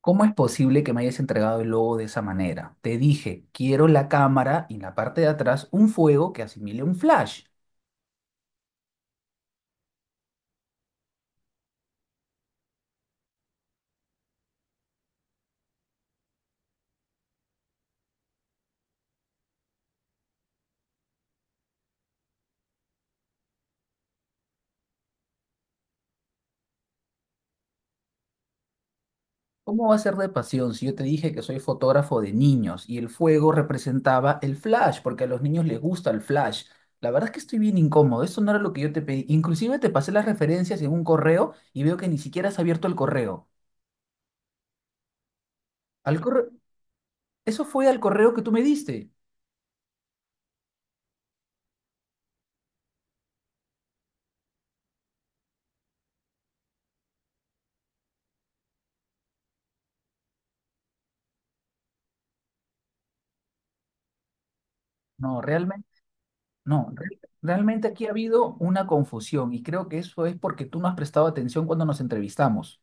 ¿Cómo es posible que me hayas entregado el logo de esa manera? Te dije, quiero la cámara y en la parte de atrás un fuego que asimile un flash. ¿Cómo va a ser de pasión si yo te dije que soy fotógrafo de niños y el fuego representaba el flash? Porque a los niños les gusta el flash. La verdad es que estoy bien incómodo. Eso no era lo que yo te pedí. Inclusive te pasé las referencias en un correo y veo que ni siquiera has abierto el correo. Al correo... Eso fue al correo que tú me diste. No, realmente. No, re- realmente aquí ha habido una confusión y creo que eso es porque tú no has prestado atención cuando nos entrevistamos.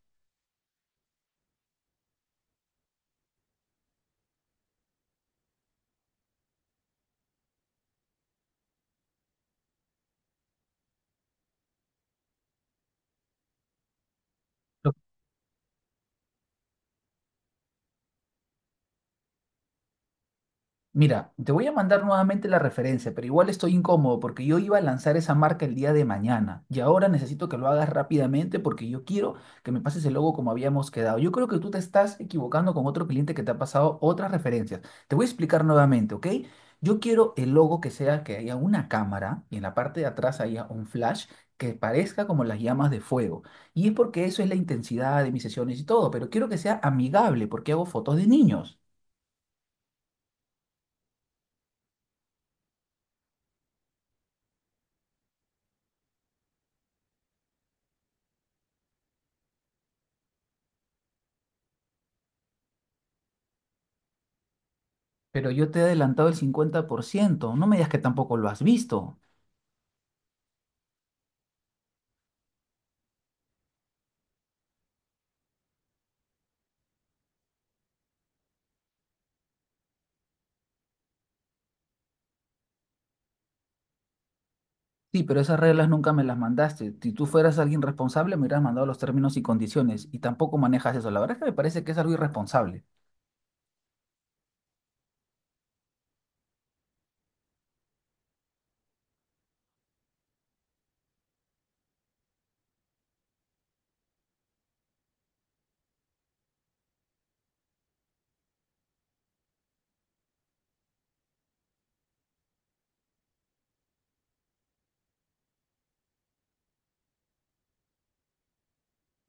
Mira, te voy a mandar nuevamente la referencia, pero igual estoy incómodo porque yo iba a lanzar esa marca el día de mañana y ahora necesito que lo hagas rápidamente porque yo quiero que me pases el logo como habíamos quedado. Yo creo que tú te estás equivocando con otro cliente que te ha pasado otras referencias. Te voy a explicar nuevamente, ¿ok? Yo quiero el logo que sea que haya una cámara y en la parte de atrás haya un flash que parezca como las llamas de fuego. Y es porque eso es la intensidad de mis sesiones y todo, pero quiero que sea amigable porque hago fotos de niños. Pero yo te he adelantado el 50%. No me digas que tampoco lo has visto. Sí, pero esas reglas nunca me las mandaste. Si tú fueras alguien responsable, me hubieras mandado los términos y condiciones y tampoco manejas eso. La verdad es que me parece que es algo irresponsable.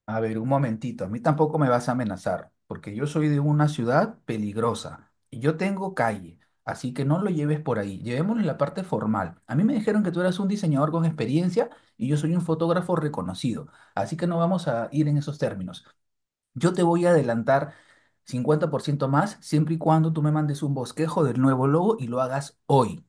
A ver, un momentito. A mí tampoco me vas a amenazar, porque yo soy de una ciudad peligrosa y yo tengo calle. Así que no lo lleves por ahí. Llevémoslo en la parte formal. A mí me dijeron que tú eras un diseñador con experiencia y yo soy un fotógrafo reconocido. Así que no vamos a ir en esos términos. Yo te voy a adelantar 50% más siempre y cuando tú me mandes un bosquejo del nuevo logo y lo hagas hoy.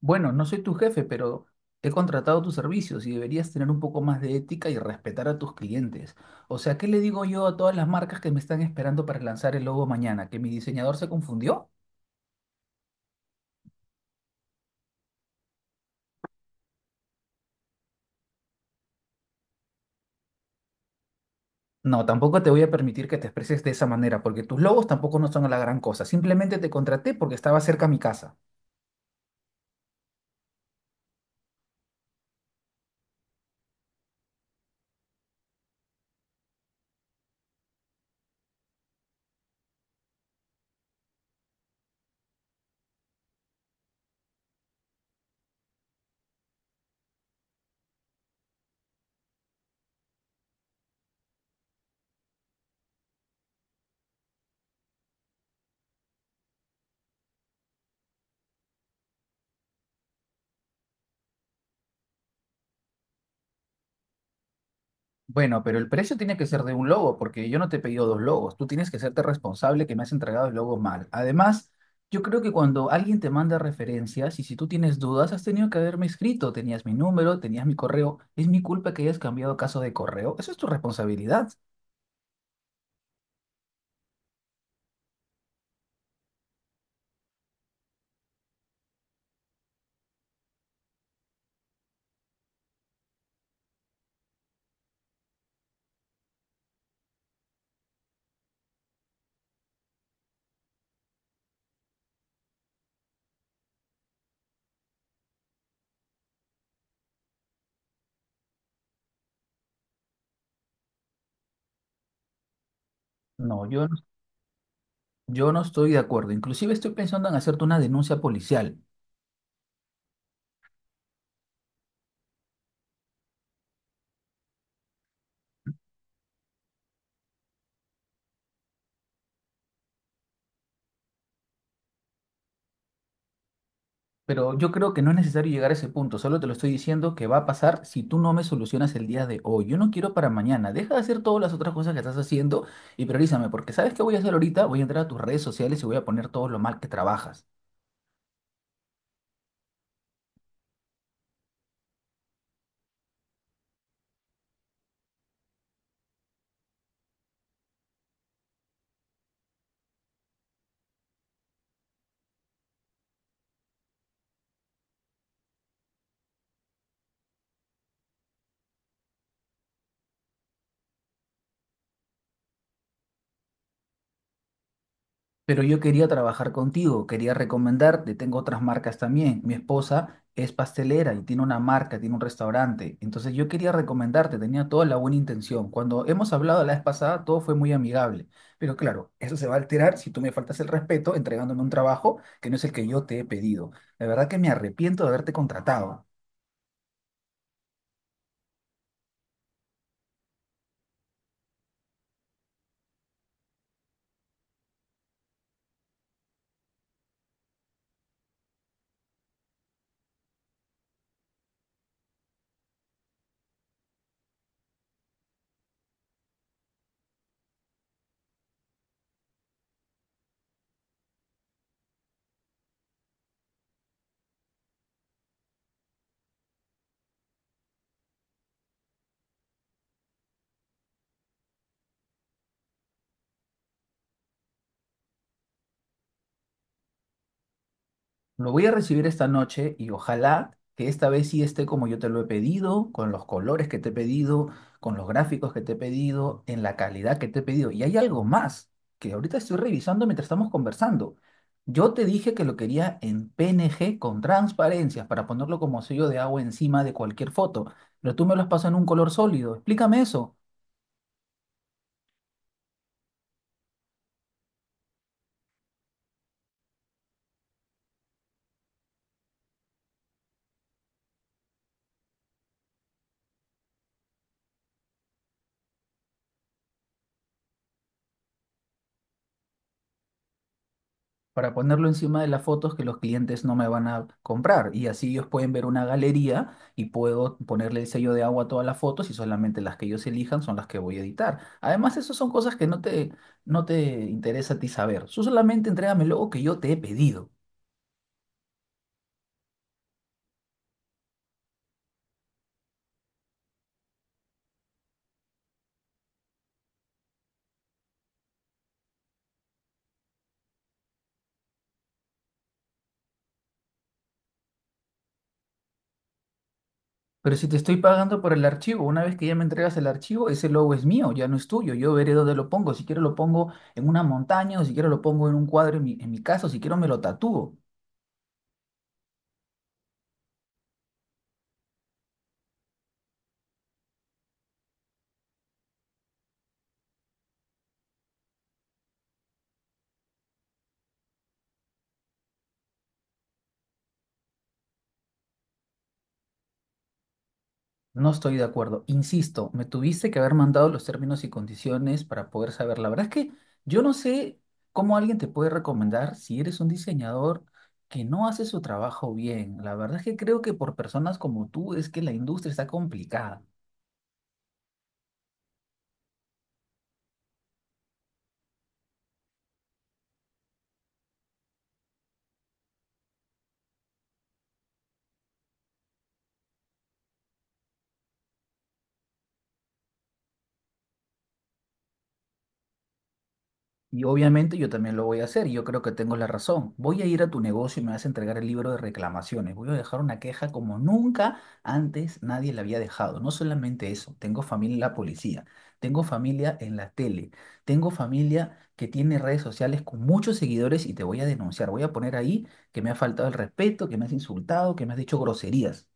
Bueno, no soy tu jefe, pero he contratado tus servicios y deberías tener un poco más de ética y respetar a tus clientes. O sea, ¿qué le digo yo a todas las marcas que me están esperando para lanzar el logo mañana? ¿Que mi diseñador se confundió? No, tampoco te voy a permitir que te expreses de esa manera, porque tus logos tampoco no son la gran cosa. Simplemente te contraté porque estaba cerca a mi casa. Bueno, pero el precio tiene que ser de un logo, porque yo no te he pedido dos logos. Tú tienes que hacerte responsable que me has entregado el logo mal. Además, yo creo que cuando alguien te manda referencias y si tú tienes dudas, has tenido que haberme escrito. Tenías mi número, tenías mi correo. ¿Es mi culpa que hayas cambiado caso de correo? Eso es tu responsabilidad. No, yo, no- yo no estoy de acuerdo. Inclusive estoy pensando en hacerte una denuncia policial. Pero yo creo que no es necesario llegar a ese punto, solo te lo estoy diciendo que va a pasar si tú no me solucionas el día de hoy. Yo no quiero para mañana, deja de hacer todas las otras cosas que estás haciendo y priorízame, porque ¿sabes qué voy a hacer ahorita? Voy a entrar a tus redes sociales y voy a poner todo lo mal que trabajas. Pero yo quería trabajar contigo, quería recomendarte, tengo otras marcas también. Mi esposa es pastelera y tiene una marca, tiene un restaurante. Entonces yo quería recomendarte, tenía toda la buena intención. Cuando hemos hablado la vez pasada, todo fue muy amigable. Pero claro, eso se va a alterar si tú me faltas el respeto entregándome un trabajo que no es el que yo te he pedido. La verdad que me arrepiento de haberte contratado. Lo voy a recibir esta noche y ojalá que esta vez sí esté como yo te lo he pedido, con los colores que te he pedido, con los gráficos que te he pedido, en la calidad que te he pedido. Y hay algo más que ahorita estoy revisando mientras estamos conversando. Yo te dije que lo quería en PNG con transparencias para ponerlo como sello de agua encima de cualquier foto, pero tú me lo has pasado en un color sólido. Explícame eso. Para ponerlo encima de las fotos que los clientes no me van a comprar. Y así ellos pueden ver una galería y puedo ponerle el sello de agua a todas las fotos y solamente las que ellos elijan son las que voy a editar. Además, esas son cosas que no te interesa a ti saber. Tú solamente entrégame el logo que yo te he pedido. Pero si te estoy pagando por el archivo, una vez que ya me entregas el archivo, ese logo es mío, ya no es tuyo. Yo veré dónde lo pongo. Si quiero lo pongo en una montaña, o si quiero lo pongo en un cuadro en mi casa, o si quiero me lo tatúo. No estoy de acuerdo. Insisto, me tuviste que haber mandado los términos y condiciones para poder saber. La verdad es que yo no sé cómo alguien te puede recomendar si eres un diseñador que no hace su trabajo bien. La verdad es que creo que por personas como tú es que la industria está complicada. Y obviamente yo también lo voy a hacer, y yo creo que tengo la razón. Voy a ir a tu negocio y me vas a entregar el libro de reclamaciones. Voy a dejar una queja como nunca antes nadie la había dejado. No solamente eso, tengo familia en la policía, tengo familia en la tele, tengo familia que tiene redes sociales con muchos seguidores y te voy a denunciar. Voy a poner ahí que me ha faltado el respeto, que me has insultado, que me has dicho groserías.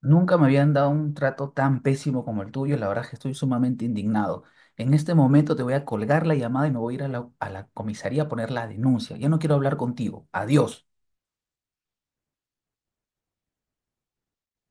Nunca me habían dado un trato tan pésimo como el tuyo, la verdad es que estoy sumamente indignado. En este momento te voy a colgar la llamada y me voy a ir a la comisaría a poner la denuncia. Ya no quiero hablar contigo. Adiós.